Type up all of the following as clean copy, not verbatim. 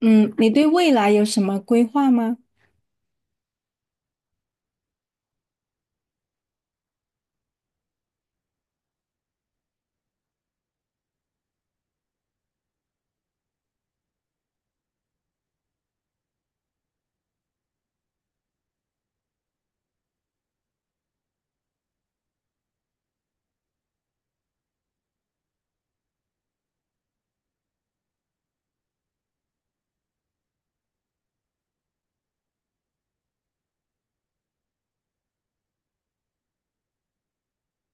嗯，你对未来有什么规划吗？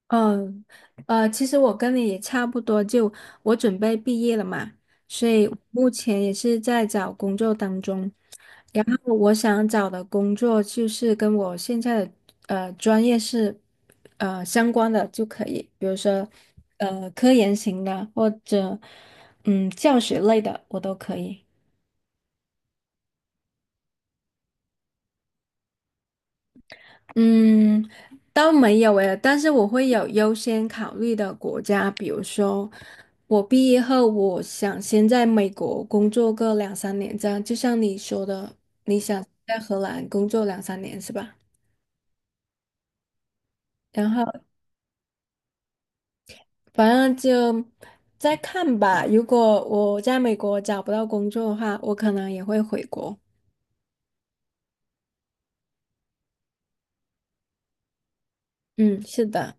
嗯，其实我跟你也差不多，就我准备毕业了嘛，所以目前也是在找工作当中。然后我想找的工作就是跟我现在的专业是相关的就可以，比如说科研型的或者教学类的，我都可以。嗯，倒没有诶，但是我会有优先考虑的国家，比如说我毕业后，我想先在美国工作个两三年，这样就像你说的，你想在荷兰工作两三年是吧？然后反正就再看吧。如果我在美国找不到工作的话，我可能也会回国。嗯，是的。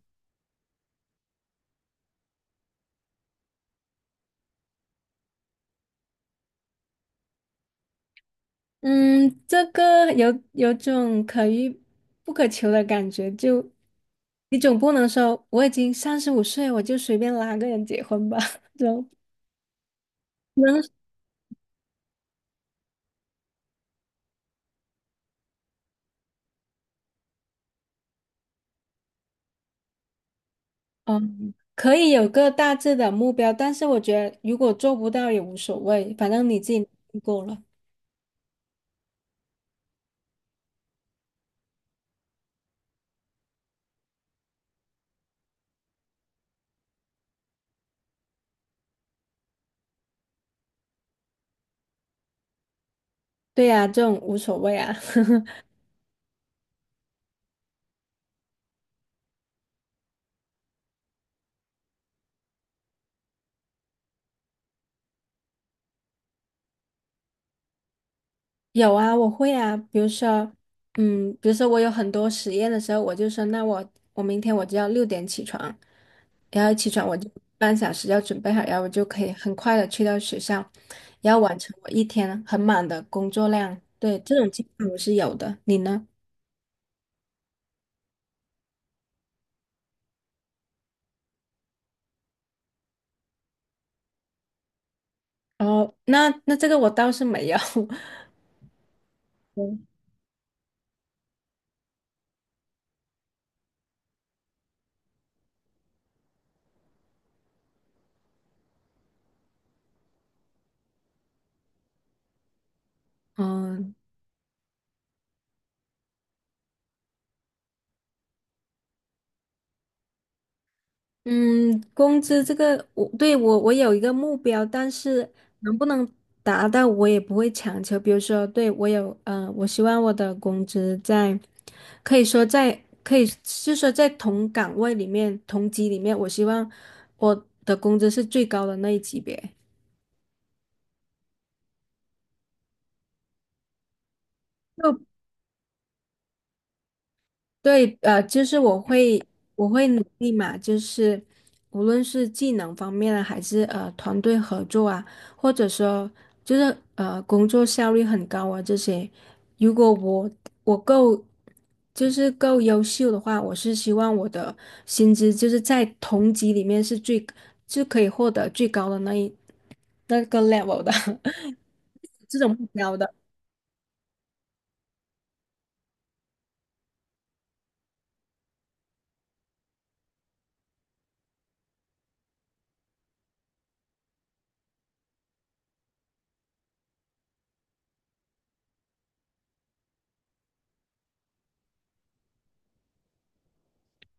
嗯，这个有种可遇不可求的感觉，就你总不能说我已经35岁，我就随便拉个人结婚吧？就能，嗯，可以有个大致的目标，但是我觉得如果做不到也无所谓，反正你自己努力过了。对呀，这种无所谓啊。有啊，我会啊。比如说，我有很多实验的时候，我就说，那我明天我就要6点起床，然后起床我就半小时要准备好，然后我就可以很快的去到学校，然后完成我一天很满的工作量。对，这种情况我是有的，你呢？哦，那这个我倒是没有，嗯，嗯，工资这个我对我有一个目标，但是能不能达到我也不会强求。比如说，对我有我希望我的工资在可以是说在同岗位里面同级里面，我希望我的工资是最高的那一级别。对，就是我会努力嘛，就是无论是技能方面啊，还是团队合作啊，或者说就是工作效率很高啊这些，如果我够就是够优秀的话，我是希望我的薪资就是在同级里面就可以获得最高的那个 level 的 这种目标的。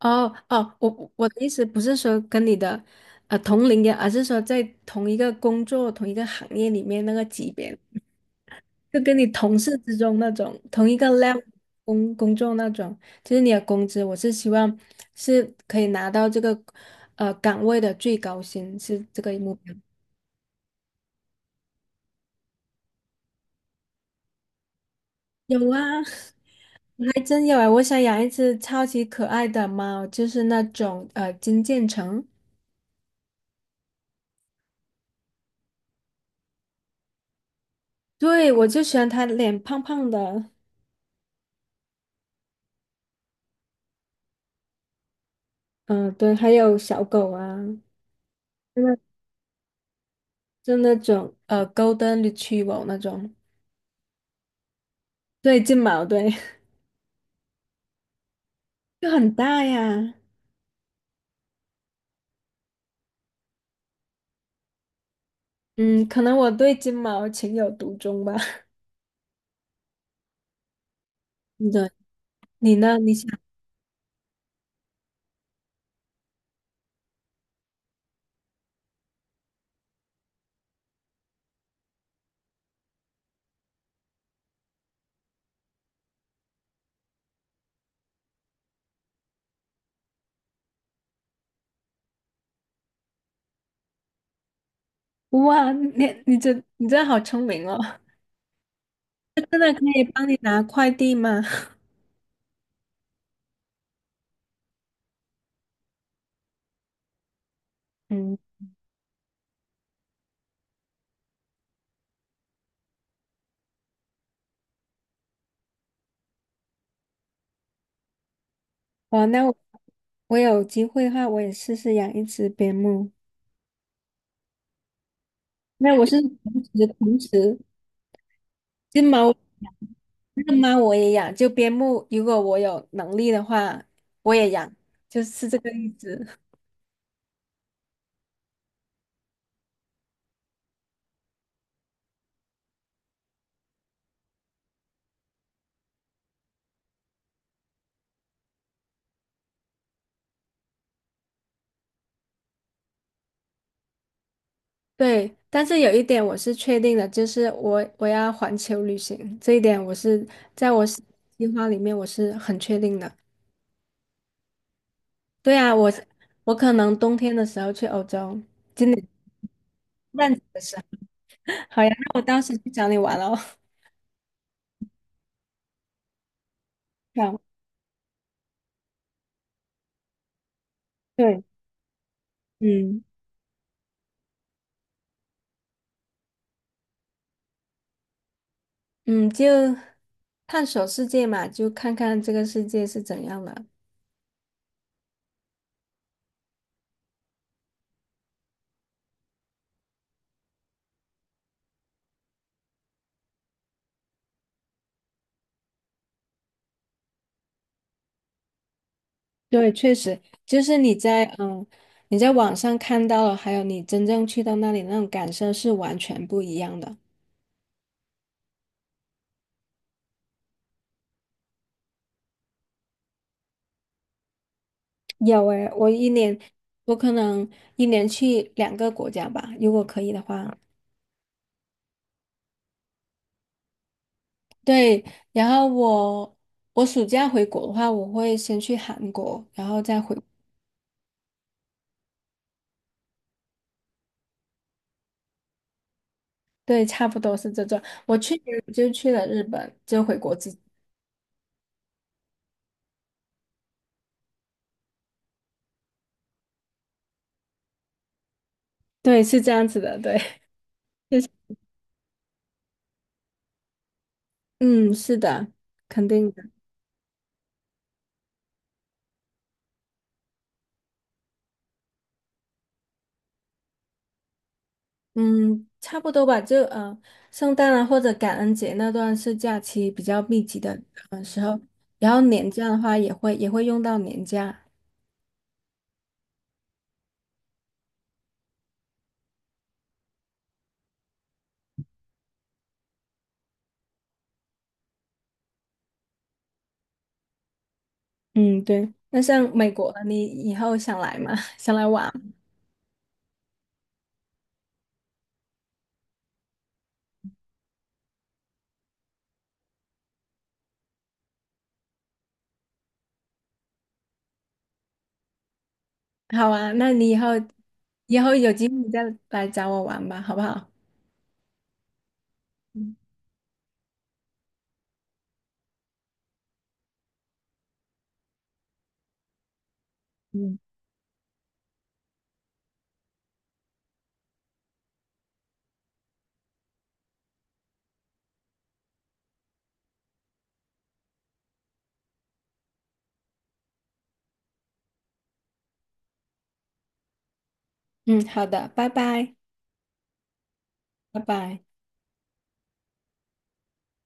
哦哦，我的意思不是说跟你的同龄人，而是说在同一个工作、同一个行业里面那个级别，就跟你同事之中那种同一个 level 工作那种，就是你的工资，我是希望是可以拿到这个岗位的最高薪，是这个目标。有啊，还真有啊！我想养一只超级可爱的猫，就是那种金渐层。对，我就喜欢它脸胖胖的。嗯、对，还有小狗啊，就那就那种Golden Retriever 那种，对，金毛，对，就很大呀。嗯，可能我对金毛情有独钟吧。对，你呢？你想，哇，你你真的好聪明哦！它真的可以帮你拿快递吗？嗯，哇，那我有机会的话，我也试试养一只边牧。那我是同时金毛那猫我也养，就边牧，如果我有能力的话，我也养，就是这个意思。对，但是有一点我是确定的，就是我要环球旅行，这一点我是计划里面很确定的。对啊，我可能冬天的时候去欧洲，今年万子的时候。好呀，那我到时去找你玩哦。好，对，嗯嗯，就探索世界嘛，就看看这个世界是怎样的。对，确实，就是你在网上看到了，还有你真正去到那里那种感受是完全不一样的。有诶，我可能一年去2个国家吧，如果可以的话。对，然后我暑假回国的话，我会先去韩国，然后再回。对，差不多是这种。我去年就去了日本，就回国之。对，是这样子的，对，嗯，是的，肯定。的。嗯，差不多吧，就圣诞啊或者感恩节那段是假期比较密集的，然后年假的话也会用到年假。嗯，对。那像美国，你以后想来吗？想来玩？好啊，那你以后有机会你再来找我玩吧，好不好？嗯嗯，嗯，好的，拜拜，拜拜。